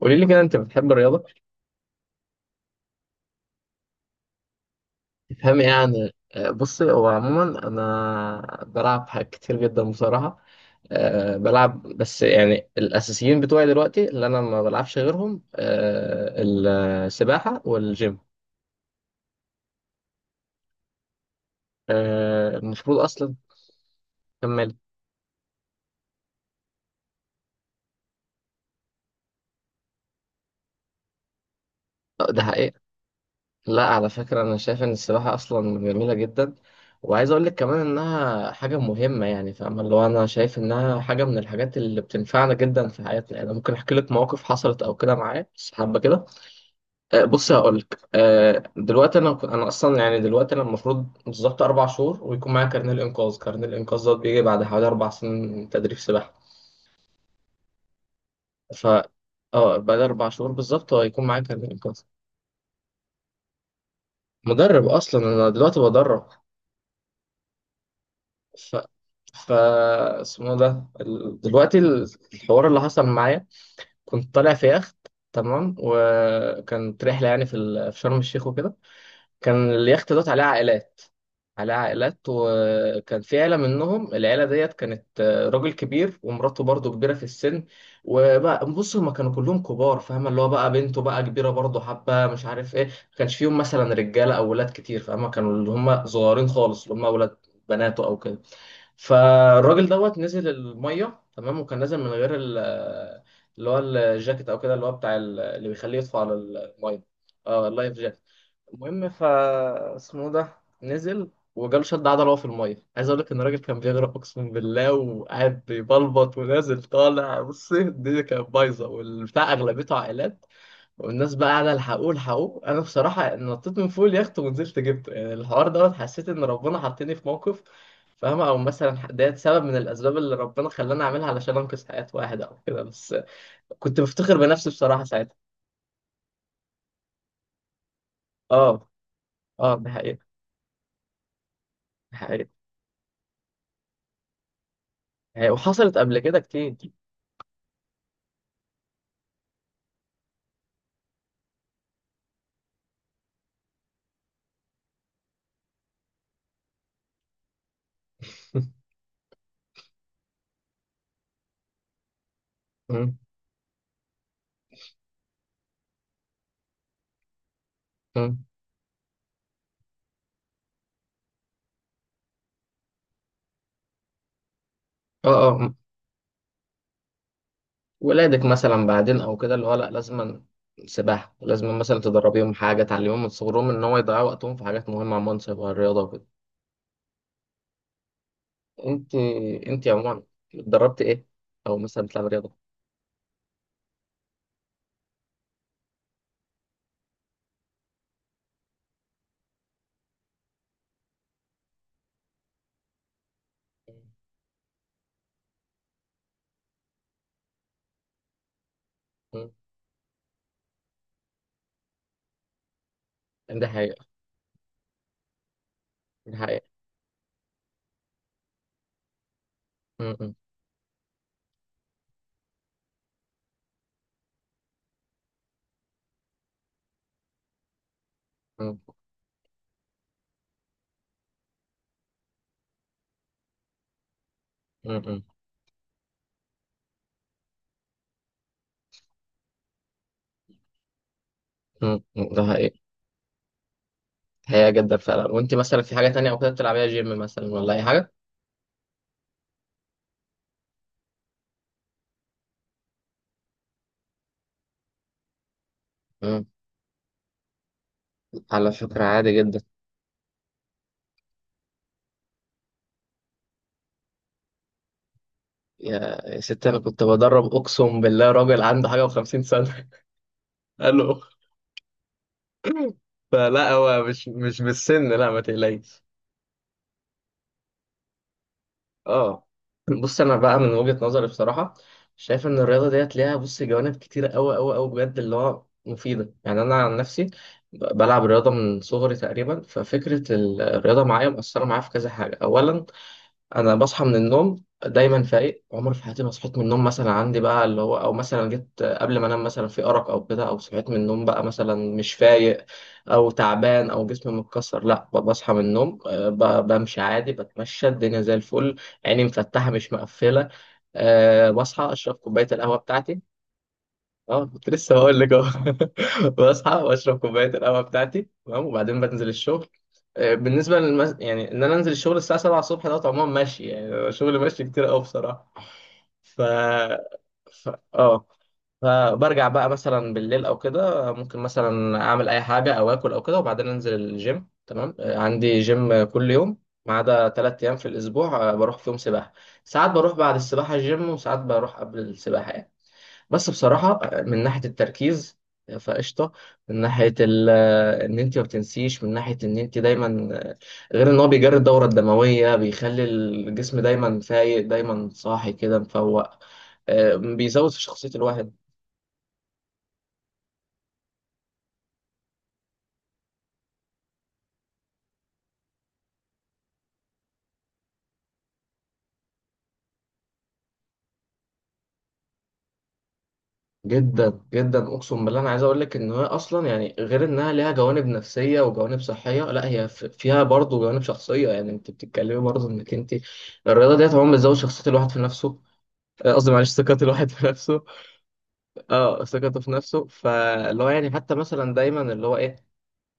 قولي لي كده، انت بتحب الرياضه؟ تفهمي ايه عن بصي، هو عموما انا بلعب حاجات كتير جدا بصراحه. بلعب بس يعني الاساسيين بتوعي دلوقتي اللي انا ما بلعبش غيرهم، السباحه والجيم. المفروض اصلا. كمل. ده حقيقي. لا، على فكرة أنا شايف إن السباحة أصلا جميلة جدا. وعايز أقول لك كمان إنها حاجة مهمة، يعني فاهمة اللي هو أنا شايف إنها حاجة من الحاجات اللي بتنفعنا جدا في حياتنا، يعني أنا ممكن أحكي لك مواقف حصلت أو كده معايا، بس حابة كده. بصي، هقول لك. دلوقتي أنا أصلا يعني دلوقتي أنا المفروض بالظبط 4 شهور ويكون معايا كارنيه الإنقاذ. كارنيه الإنقاذ ده بيجي بعد حوالي 4 سنين تدريب سباحة. ف اه بعد 4 شهور بالظبط هيكون معايا كارنيه الإنقاذ. مدرب أصلا، أنا دلوقتي بدرب. ف ف اسمه ده دلوقتي الحوار اللي حصل معايا. كنت طالع في يخت. تمام، وكانت رحلة يعني في شرم الشيخ وكده. كان اليخت دوت عليه عائلات. وكان في عيلة منهم، العيلة ديت كانت راجل كبير ومراته برضه كبيرة في السن. وبقى بص، هما كانوا كلهم كبار فاهمة اللي هو بقى، بنته بقى كبيرة برضه حبة مش عارف ايه، ما كانش فيهم مثلا رجالة أو ولاد كتير فاهمة، كانوا اللي هما صغيرين خالص اللي هما ولاد بناته أو كده. فالراجل دوت نزل الميه، تمام، وكان نازل من غير اللي هو الجاكيت او كده، اللي هو بتاع اللي بيخليه يطفو على الميه. اه، اللايف جاكيت. المهم. اسمه ده. نزل وجاله شد عضله وهو في الميه، عايز اقول لك ان الراجل كان بيغرق اقسم بالله، وقاعد بيبلبط ونازل طالع، بص، الدنيا كانت بايظه والبتاع اغلبيته عائلات. والناس بقى قاعدة الحقوه الحقوه. انا بصراحة نطيت من فوق اليخت ونزلت جبته، يعني الحوار دوت حسيت ان ربنا حطني في موقف. فاهمة؟ او مثلا ديت سبب من الاسباب اللي ربنا خلاني اعملها علشان انقذ حياة واحد او كده بس. كنت بفتخر بنفسي بصراحة ساعتها. اه، اه. ده حقيقة ده حقيقة. ده حقيقة. وحصلت قبل كده كتير. مم. مم. اه، اه، مم. ولادك مثلا بعدين او كده، اللي هو لا، لازما سباحة لازم مثلا تدربيهم حاجة، تعلميهم من صغرهم ان هو يضيعوا وقتهم في حاجات مهمة عن منصب والرياضة وكده. انت انت عموما اتدربت ايه؟ او مثلا بتلعب رياضه؟ مم. ده حقيقه. ده حقيقه. مم. مم. مم. مم. مم. مم. ده حقيقه. حقيقه جدا فعلا. وانت مثلا في حاجه تانية او كده بتلعبيها، جيم مثلا ولا اي حاجه؟ مم. على فكره، عادي جدا. يا يا ست، انا كنت بدرب اقسم بالله راجل عنده حاجه و50 سنه. الو. فلا، هو مش بالسن، لا، ما تقلقيش. اه، بص، انا بقى من وجهة نظري بصراحة شايف ان الرياضة ديت ليها، بص، جوانب كتيرة قوي قوي قوي بجد اللي هو مفيدة، يعني انا عن نفسي بلعب رياضة من صغري تقريبا، ففكرة الرياضة معايا مؤثرة معايا في كذا حاجة. اولا، انا بصحى من النوم دايما فايق. عمري في حياتي ما صحيت من النوم مثلا عندي بقى اللي هو، او مثلا جيت قبل ما انام مثلا في ارق او كده، او صحيت من النوم بقى مثلا مش فايق او تعبان او جسمي متكسر، لا، بصحى من النوم، بمشي عادي، بتمشى الدنيا زي الفل. عيني مفتحة مش مقفلة. بصحى اشرب كوباية القهوة بتاعتي. اه، كنت لسه هقول لك اهو. بصحى واشرب كوبايه القهوه بتاعتي تمام، وبعدين بنزل الشغل. يعني ان انا انزل الشغل الساعه 7 الصبح، ده طبعا ماشي يعني شغل ماشي كتير قوي بصراحه. ف... ف... اه فبرجع بقى مثلا بالليل او كده، ممكن مثلا اعمل اي حاجه او اكل او كده، وبعدين انزل الجيم. تمام. عندي جيم كل يوم ما عدا 3 ايام في الاسبوع، بروح فيهم سباحه. ساعات بروح بعد السباحه الجيم، وساعات بروح قبل السباحه يعني. بس بصراحة من ناحية التركيز فقشطة. من ناحية ان انت ما بتنسيش، من ناحية ان انت دايما غير ان هو بيجري الدورة الدموية، بيخلي الجسم دايما فايق دايما صاحي كده مفوق. بيزود في شخصية الواحد جدا جدا، اقسم بالله. انا عايز اقول لك ان هي اصلا يعني غير انها ليها جوانب نفسية وجوانب صحية، لا هي فيها برضه جوانب شخصية، يعني انت بتتكلمي برضه انك انت الرياضة ديت عموما بتزود شخصية الواحد في نفسه. قصدي معلش ثقة الواحد في نفسه. اه، ثقته في نفسه، فاللي هو يعني حتى مثلا دايما اللي هو ايه،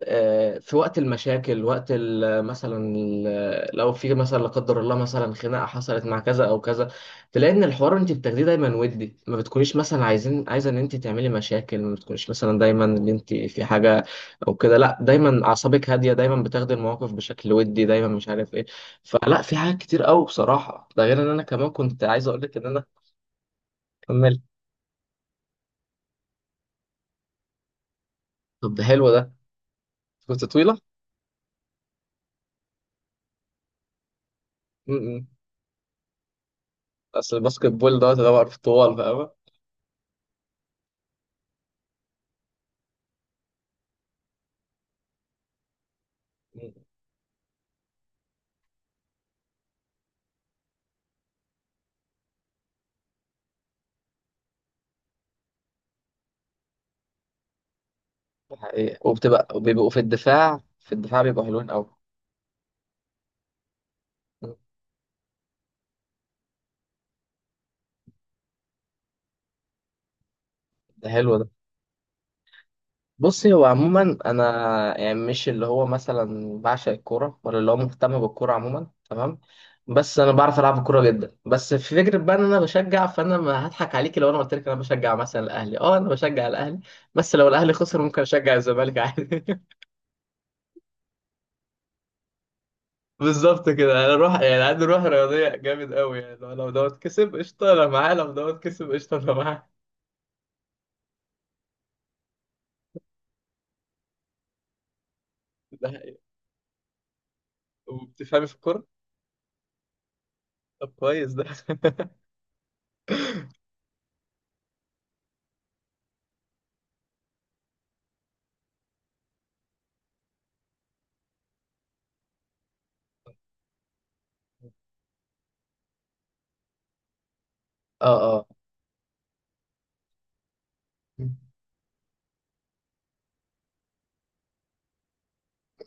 في وقت المشاكل، وقت مثلا لو في مثلا لا قدر الله مثلا خناقه حصلت مع كذا او كذا، تلاقي ان الحوار انت بتاخديه دايما ودي، ما بتكونيش مثلا عايزه ان انت تعملي مشاكل، ما بتكونيش مثلا دايما ان انت في حاجه او كده، لا، دايما اعصابك هاديه، دايما بتاخدي المواقف بشكل ودي، دايما مش عارف ايه. فلا، في حاجات كتير قوي بصراحه. ده غير ان انا كمان كنت عايز اقول لك ان انا كملت. طب ده حلو ده. كنت طويله؟ م-م. اصل الباسكت بول دوت يدور في الطوال فاهم؟ مم. دي حقيقة، وبتبقى وبيبقوا في الدفاع بيبقوا حلوين قوي. ده حلو ده. بصي، هو عموما انا يعني مش اللي هو مثلا بعشق الكوره ولا اللي هو مهتم بالكوره عموما، تمام. بس انا بعرف العب الكوره جدا. بس في فكره بقى ان انا بشجع، فانا ما هضحك عليكي لو انا قلت لك انا بشجع مثلا الاهلي. اه، انا بشجع الاهلي. بس لو الاهلي خسر ممكن اشجع الزمالك عادي. بالظبط كده. انا روح، يعني عندي روح رياضيه جامد قوي يعني، لو دوت كسب قشطه انا معاه، لو دوت كسب قشطه انا معاه. ده حقيقي. وبتفهمي في الكوره؟ طب كويس ده. اه، اه.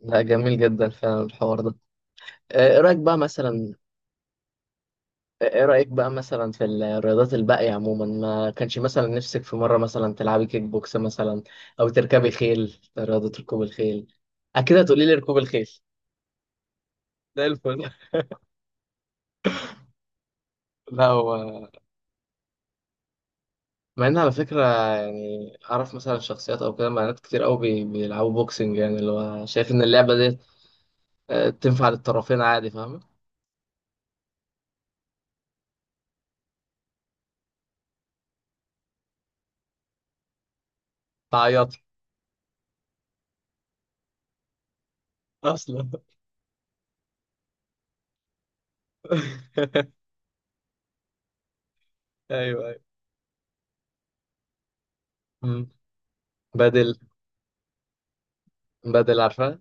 لا، جميل جدا فعلا الحوار ده. ايه رأيك بقى مثلا. ايه رأيك بقى مثلا في الرياضات الباقية عموما، ما كانش مثلا نفسك في مرة مثلا تلعبي كيك بوكس مثلا، او تركبي خيل، رياضة ركوب الخيل؟ اكيد هتقولي لي ركوب الخيل. زي الفل. لا، هو مع ان على فكره يعني اعرف مثلا شخصيات او كده، بنات كتير قوي بيلعبوا بوكسنج، يعني اللي هو شايف ان اللعبه دي تنفع للطرفين عادي، فاهم؟ تعيط اصلا. ايوه، ايوه. مم. بدل بدل عارفها؟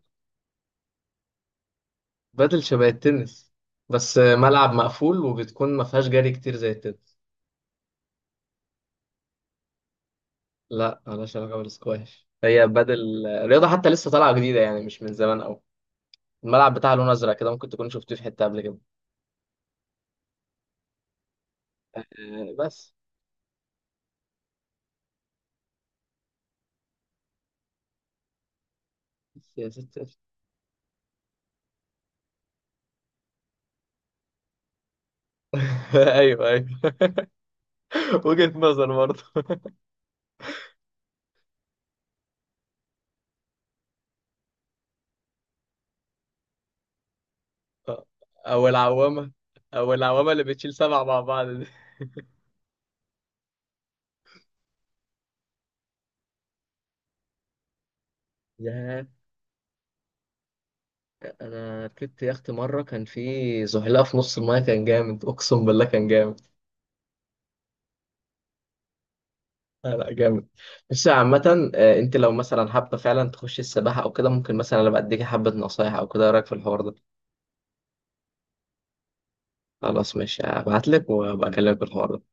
بدل شبه التنس، بس ملعب مقفول وبتكون ما فيهاش جري كتير زي التنس. لا، ملهاش علاقه بالسكواش. هي بدل، رياضه حتى لسه طالعه جديده يعني مش من زمان قوي. الملعب بتاعها لون ازرق كده، ممكن تكون شفتيه في حته قبل كده. بس. بس يا ست. ايوه، ايوه. وجهة نظر برضه. او العوامة او العوامة اللي بتشيل 7 مع بعض دي. ياه، انا ركبت يخت مرة كان في زحلقة في نص المايه، كان جامد اقسم بالله، كان جامد. لا، لا، جامد. بس عامة، انت لو مثلا حابة فعلا تخشي السباحة او كده، ممكن مثلا انا بديكي حبة نصايح او كده. إيه رايك في الحوار ده؟ خلاص ماشي، هبعتلك وابقى اكلمك في الحوار ده.